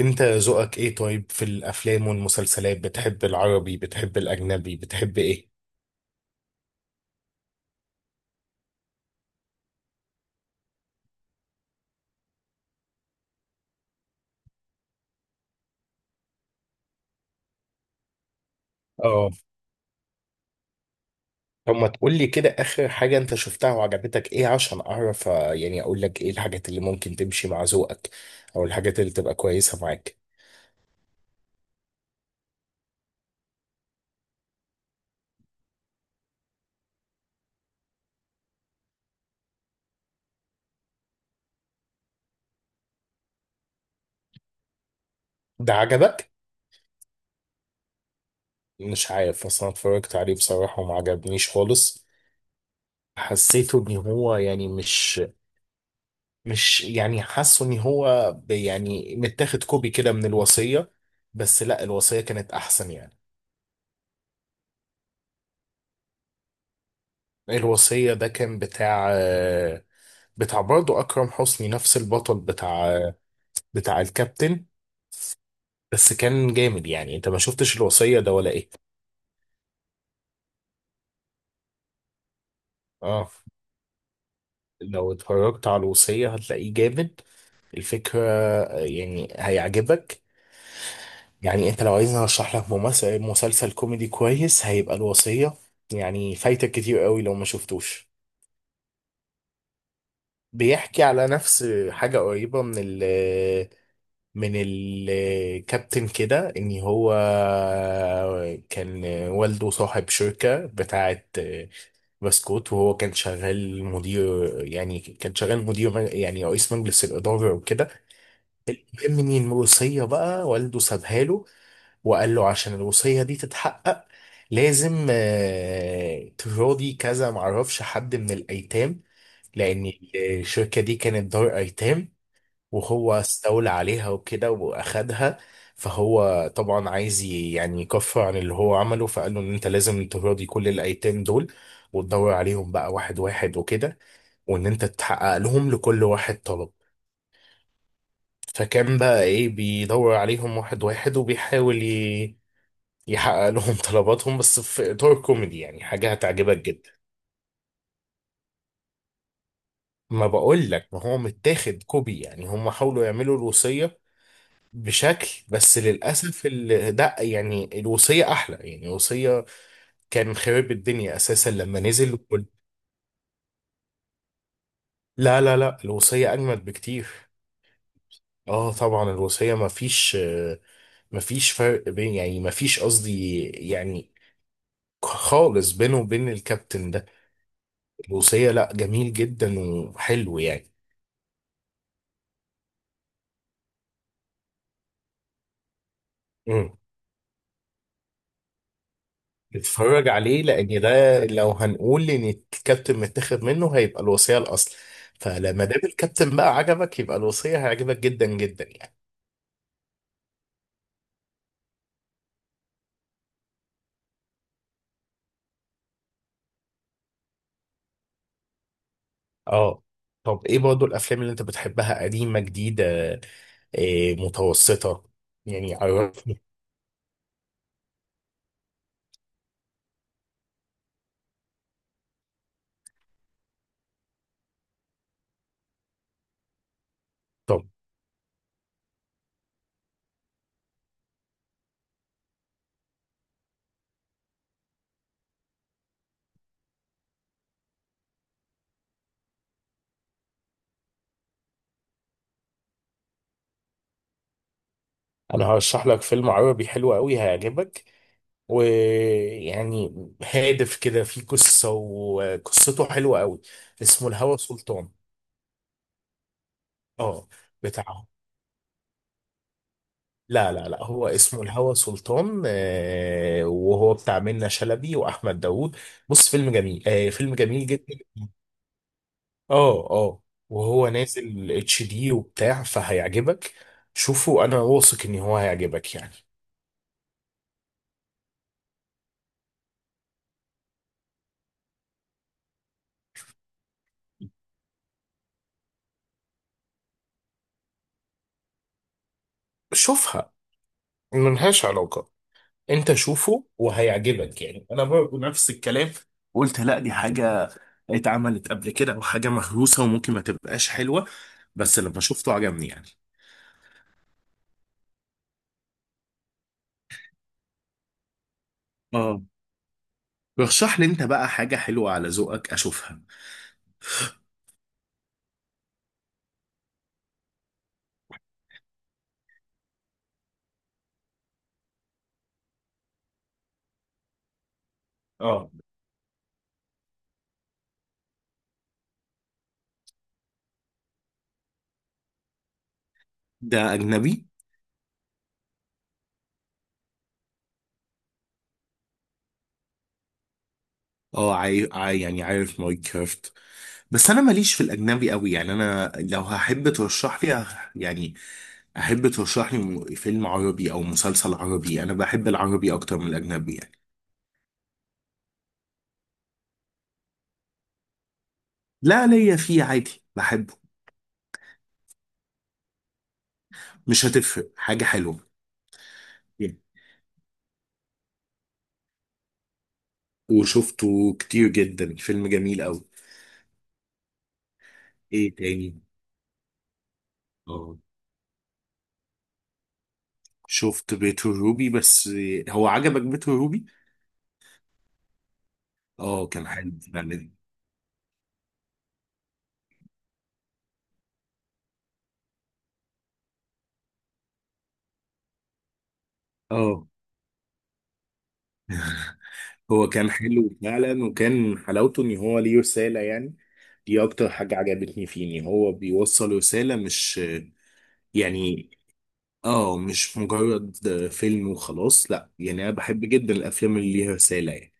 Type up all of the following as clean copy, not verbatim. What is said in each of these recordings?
انت ذوقك ايه؟ طيب في الافلام والمسلسلات، بتحب العربي، بتحب الاجنبي، بتحب ايه؟ اه. طب ما تقول لي كده اخر حاجة انت شفتها وعجبتك ايه عشان اعرف، يعني اقول لك ايه الحاجات اللي ممكن تمشي مع ذوقك، او الحاجات اللي تبقى كويسة معاك. ده عجبك؟ مش عارف اصلا، اتفرجت عليه بصراحة وما عجبنيش خالص. حسيته ان هو يعني مش يعني حاسه ان هو يعني متاخد كوبي كده من الوصية. بس لا، الوصية كانت احسن يعني. الوصية ده كان بتاع بتاع برضه أكرم حسني، نفس البطل بتاع الكابتن. بس كان جامد يعني. أنت ما شفتش الوصية ده ولا إيه؟ آه. لو اتفرجت على الوصية هتلاقيه جامد. الفكرة، يعني هيعجبك. يعني أنت لو عايزني أرشح لك ممثل مسلسل كوميدي كويس، هيبقى الوصية. يعني فايتك كتير قوي لو ما شفتوش. بيحكي على نفس حاجة قريبة من ال من الكابتن كده، ان هو كان والده صاحب شركة بتاعة بسكوت، وهو كان شغال مدير، يعني رئيس مجلس الإدارة وكده. المهم ان الوصية بقى والده سابها له، وقال له عشان الوصية دي تتحقق لازم تراضي كذا، معرفش حد من الأيتام، لأن الشركة دي كانت دار أيتام، وهو استولى عليها وكده واخدها. فهو طبعا عايز يعني يكفر عن اللي هو عمله، فقال له ان انت لازم تراضي كل الايتام دول، وتدور عليهم بقى واحد واحد وكده، وان انت تحقق لهم لكل واحد طلب. فكان بقى ايه بيدور عليهم واحد واحد، وبيحاول يحقق لهم طلباتهم، بس في اطار كوميدي. يعني حاجة هتعجبك جدا. ما بقول لك، ما هو متاخد كوبي يعني. هم حاولوا يعملوا الوصية بشكل، بس للاسف ده يعني الوصيه احلى يعني. الوصيه كان خرب الدنيا اساسا لما نزل لا، لا، لا، الوصيه اجمد بكتير. اه طبعا. الوصيه ما فيش فرق بين، يعني ما فيش، قصدي يعني، خالص بينه وبين الكابتن ده. الوصيه لا، جميل جدا وحلو يعني. اتفرج عليه لان ده، لو هنقول ان الكابتن متاخد منه، هيبقى الوصية الاصل. فلما دام الكابتن بقى عجبك، يبقى الوصية هيعجبك جدا جدا يعني. اه. طب ايه برضه الافلام اللي انت بتحبها؟ قديمة، جديدة، إيه، متوسطة؟ يعني عرفني. طب انا هرشح لك فيلم عربي حلو قوي هيعجبك، ويعني هادف كده فيه قصة وقصته حلوة قوي. اسمه الهوى سلطان. اه. بتاع لا، لا، لا، هو اسمه الهوى سلطان، وهو بتاع منة شلبي واحمد داوود. بص، فيلم جميل جدا. اه، اه. وهو نازل HD وبتاع، فهيعجبك. شوفه، انا واثق ان هو هيعجبك يعني. شوفها، ملهاش علاقة. انت شوفه وهيعجبك يعني. انا برضه نفس الكلام، قلت لا، دي حاجة اتعملت قبل كده وحاجة مهروسة وممكن ما تبقاش حلوة. بس لما شفته عجبني يعني. اه. رشح لي انت بقى حاجة حلوة على ذوقك اشوفها. اه، ده اجنبي. اه، يعني عارف ماينكرافت. بس انا ماليش في الاجنبي قوي يعني. انا لو هحب ترشح لي يعني احب ترشح لي فيلم عربي او مسلسل عربي. انا بحب العربي اكتر من الاجنبي يعني. لا، ليا فيه عادي بحبه. مش هتفرق، حاجة حلوة. وشفته كتير جدا، فيلم جميل قوي. ايه تاني؟ اه. شفت بيت الروبي بس. هو عجبك بيت الروبي؟ اه كان حلو فعلا. اه، هو كان حلو فعلا، وكان حلاوته ان هو ليه رسالة يعني. دي اكتر حاجة عجبتني فيه، ان هو بيوصل رسالة مش يعني اه مش مجرد فيلم وخلاص. لا يعني، انا بحب جدا الافلام اللي ليها رسالة يعني.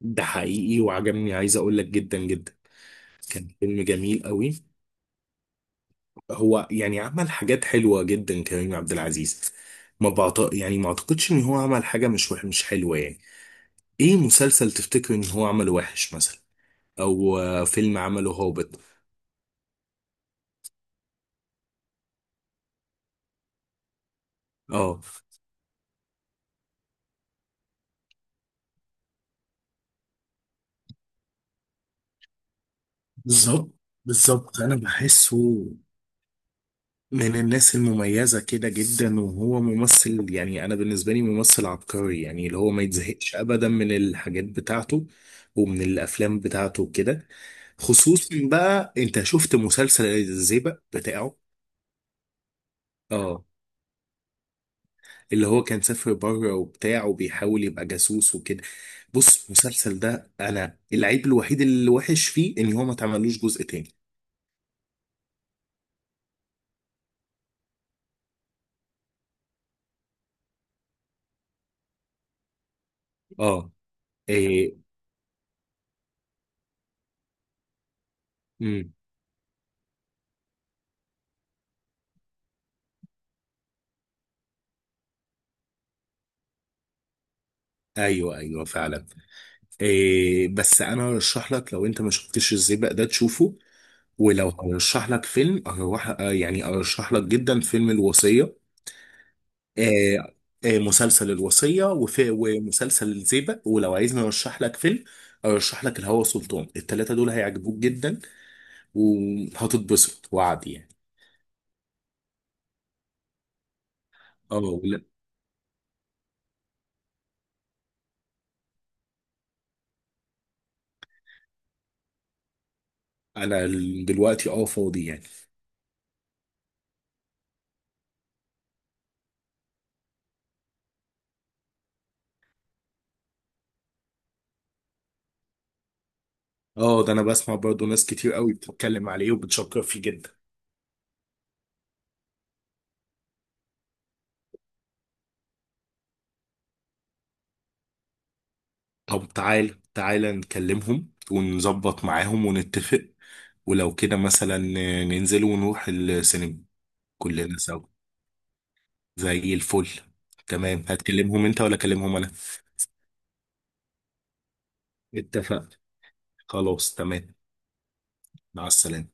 ده حقيقي وعجبني، عايز اقول لك جدا جدا. كان فيلم جميل قوي. هو يعني عمل حاجات حلوة جدا كريم عبد العزيز. ما بعت... يعني ما اعتقدش ان هو عمل حاجة مش مش حلوة يعني. ايه مسلسل تفتكر ان هو عمله وحش مثلا؟ او فيلم عمله هابط؟ اه. بالظبط، بالظبط، انا بحسه من الناس المميزه كده جدا. وهو ممثل يعني، انا بالنسبه لي ممثل عبقري يعني، اللي هو ما يتزهقش ابدا من الحاجات بتاعته ومن الافلام بتاعته وكده. خصوصا بقى انت شفت مسلسل الزيبق بتاعه. اه، اللي هو كان سافر بره وبتاع وبيحاول يبقى جاسوس وكده. بص المسلسل ده، انا العيب الوحيد اللي وحش فيه ان هو ما اتعملوش جزء تاني. اه. إيه. امم. ايوه، ايوه، فعلا. إيه، بس انا ارشح لك، لو انت ما شفتش الزيبق ده تشوفه. ولو هرشح لك فيلم، أروح آه، يعني ارشح لك جدا فيلم الوصية. آه، مسلسل الوصية ومسلسل الزيبق. ولو عايزني ارشح لك فيلم، ارشح لك الهوى سلطان. التلاتة دول هيعجبوك جدا وهتتبسط وعدي يعني. اه. انا دلوقتي فاضي يعني. اه، ده انا بسمع برضو ناس كتير قوي بتتكلم عليه وبتشكر فيه جدا. طب، تعال تعال نكلمهم ونظبط معاهم ونتفق. ولو كده مثلا ننزل ونروح السينما كلنا سوا. زي الفل. تمام، هتكلمهم انت ولا اكلمهم انا؟ اتفقنا، خلاص تمام. مع السلامة.